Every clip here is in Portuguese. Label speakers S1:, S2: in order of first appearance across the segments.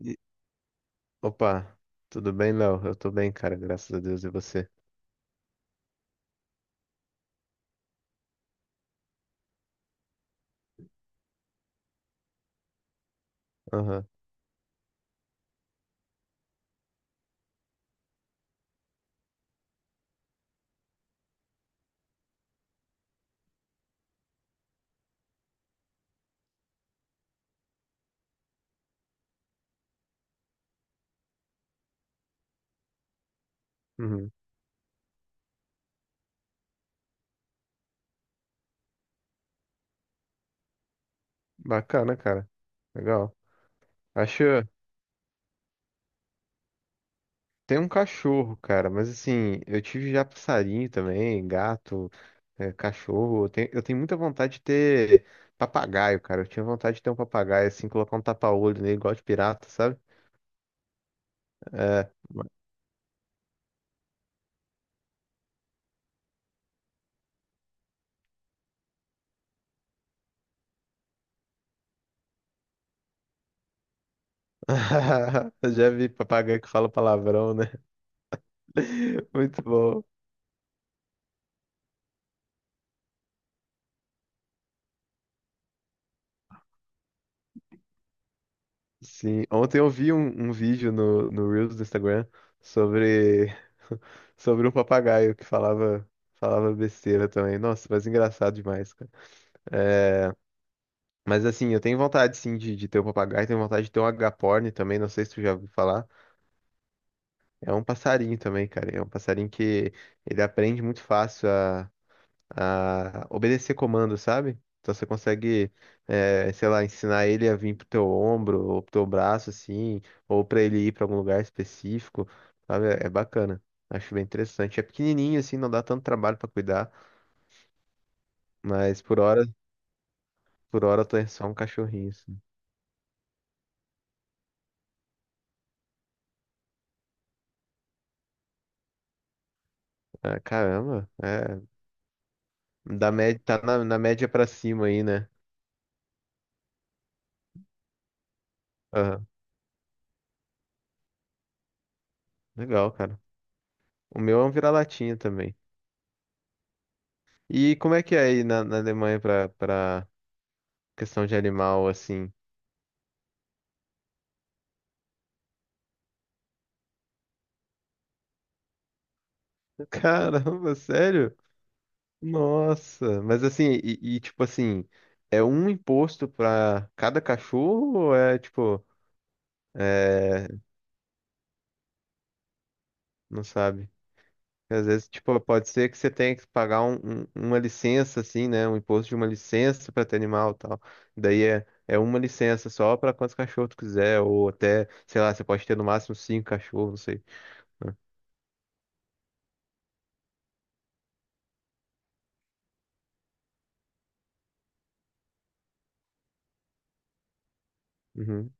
S1: E- Opa, tudo bem, Léo? Eu tô bem, cara, graças a Deus. E você? Aham. Uhum. Bacana, cara. Legal. Acho. Tem um cachorro, cara, mas assim, eu tive já passarinho também, gato, é, cachorro. Eu tenho muita vontade de ter papagaio, cara. Eu tinha vontade de ter um papagaio, assim, colocar um tapa-olho nele, igual de pirata, sabe? É. Eu já vi papagaio que fala palavrão, né? Muito bom. Sim, ontem eu vi um vídeo no, no Reels do Instagram sobre, sobre um papagaio que falava, falava besteira também. Nossa, mas engraçado demais, cara. É, mas assim, eu tenho vontade sim de ter um papagaio, tenho vontade de ter um agaporni também, não sei se tu já ouviu falar. É um passarinho também, cara. É um passarinho que ele aprende muito fácil a obedecer comando, sabe? Então você consegue, sei lá, ensinar ele a vir pro teu ombro ou pro teu braço, assim, ou pra ele ir pra algum lugar específico, sabe? É, é bacana. Acho bem interessante. É pequenininho, assim, não dá tanto trabalho pra cuidar, mas por hora eu tô em só um cachorrinho, assim. Ah, caramba, é, da média, tá na, na média pra cima aí, né? Aham. Legal, cara. O meu é um vira-latinha também. E como é que é aí na, na Alemanha pra, pra questão de animal, assim? Caramba, sério? Nossa, mas assim, e, tipo assim, é um imposto pra cada cachorro ou é tipo, é, não sabe? Às vezes, tipo, pode ser que você tenha que pagar uma licença, assim, né? Um imposto de uma licença pra ter animal e tal. Daí é, é uma licença só pra quantos cachorros tu quiser, ou até, sei lá, você pode ter no máximo cinco cachorros, não sei. Uhum.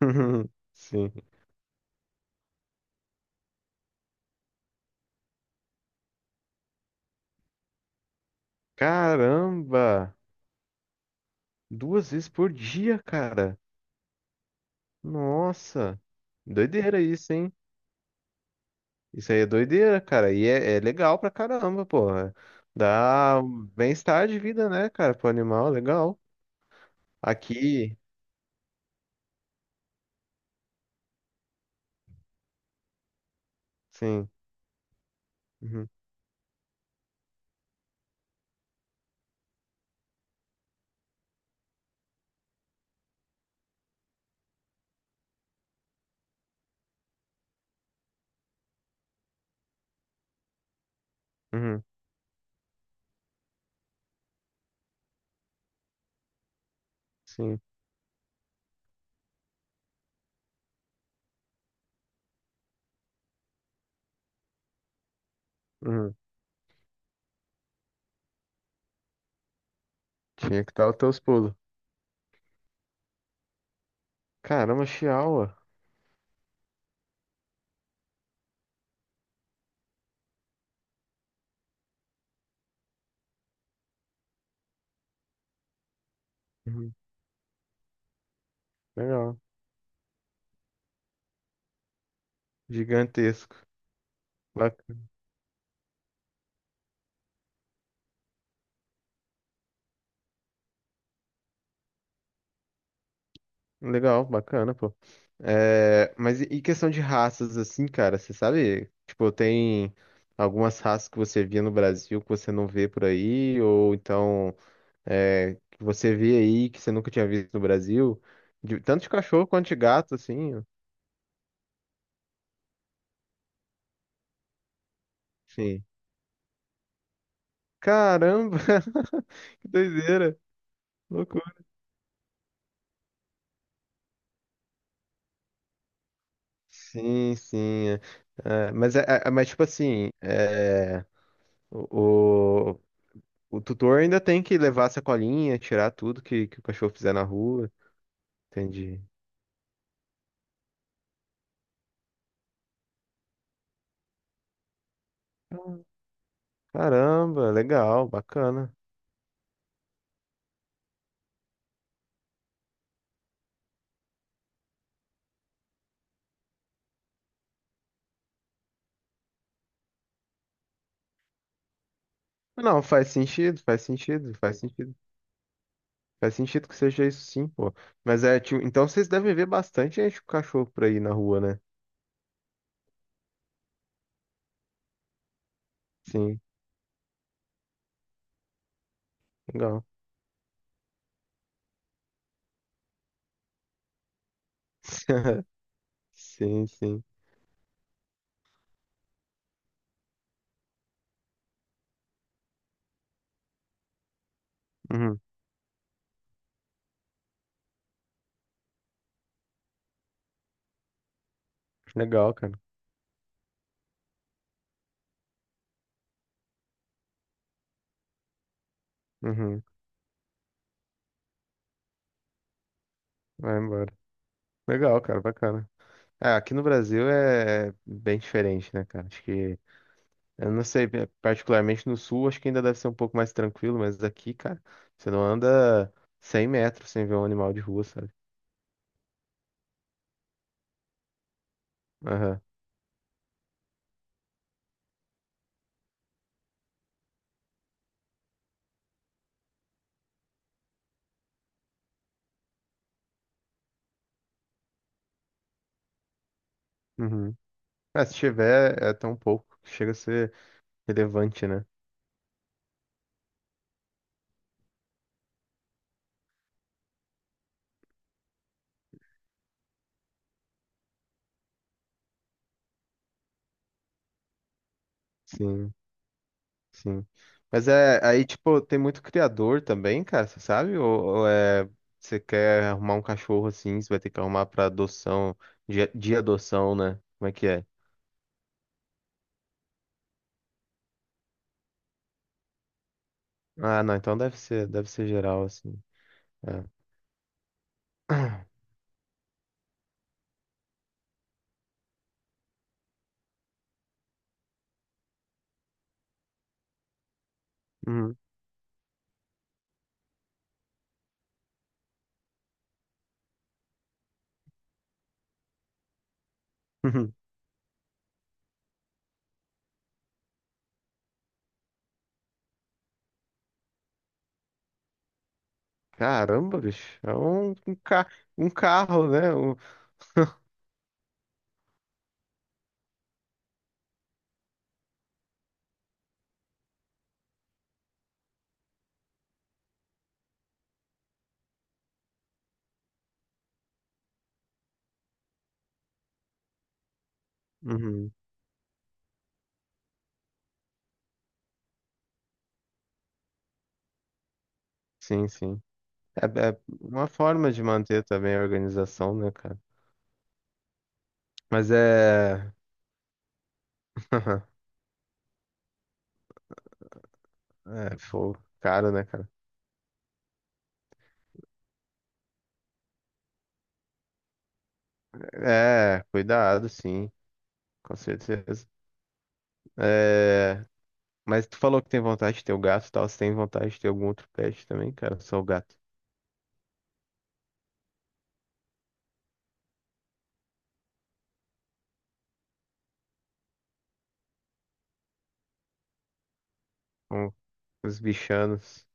S1: Sim. Caramba! Duas vezes por dia, cara. Nossa, doideira isso, hein? Isso aí é doideira, cara. E é, é legal pra caramba, pô. É. Dá um bem-estar de vida, né, cara, pro animal, legal. Aqui, sim. Uhum, uhum, sim. Uhum. Tinha que dar os teus pulos. Caramba, Chihuahua. Uhum, legal. Gigantesco. Legal, bacana, pô. É, mas e questão de raças, assim, cara, você sabe? Tipo, tem algumas raças que você via no Brasil que você não vê por aí, ou então é, que você vê aí que você nunca tinha visto no Brasil, de- tanto de cachorro quanto de gato, assim. Sim. Caramba, que doideira, loucura. Sim, sim. É. É, mas, é, é- mas, tipo assim, é, o, o- O tutor ainda tem que levar a sacolinha, tirar tudo que o cachorro fizer na rua. Entendi. Caramba, legal, bacana. Não, faz sentido, faz sentido, faz sentido. Faz sentido que seja isso sim, pô. Mas é, tipo, então vocês devem ver bastante gente com cachorro por aí na rua, né? Sim, legal. Sim, sim. Uhum. Legal, cara. Uhum. Vai embora. Legal, cara, bacana. É, aqui no Brasil é bem diferente, né, cara? Acho que eu não sei, pe- particularmente no sul, acho que ainda deve ser um pouco mais tranquilo, mas aqui, cara, você não anda 100 metros sem ver um animal de rua, sabe? Aham. Uhum. Ah, se tiver, é tão pouco, que chega a ser relevante, né? Sim, sim. Mas é, aí, tipo, tem muito criador também, cara, você sabe? Ou é, você quer arrumar um cachorro assim, você vai ter que arrumar pra adoção, de adoção, né? Como é que é? Ah, não, então deve ser geral, assim. É. Uhum. Caramba, bicho. É um, um, ca um carro, né? Um- Uhum. Sim, sim. É, é uma forma de manter também a organização, né, cara? Mas é. É, pô, caro, né, cara? É, cuidado, sim, com certeza. É, mas tu falou que tem vontade de ter o gato e tal. Você tem vontade de ter algum outro pet também, cara? Só o gato. Com os bichanos.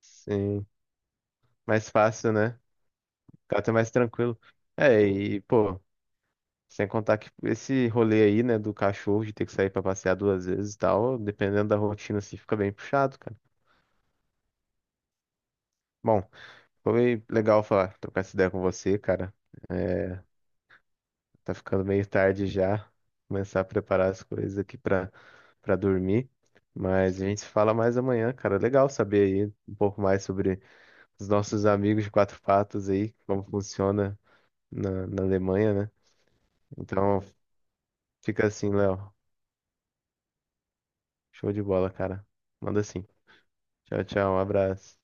S1: Sim. Mais fácil, né? O gato é mais tranquilo. É, e, pô. Sem contar que esse rolê aí, né, do cachorro de ter que sair pra passear duas vezes e tal, dependendo da rotina, assim, fica bem puxado, cara. Bom, foi legal falar, trocar essa ideia com você, cara. É, tá ficando meio tarde já, começar a preparar as coisas aqui pra, pra dormir. Mas a gente se fala mais amanhã, cara. Legal saber aí um pouco mais sobre os nossos amigos de quatro patas aí, como funciona na, na Alemanha, né? Então, fica assim, Léo. Show de bola, cara. Manda assim. Tchau, tchau. Um abraço.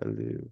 S1: Valeu.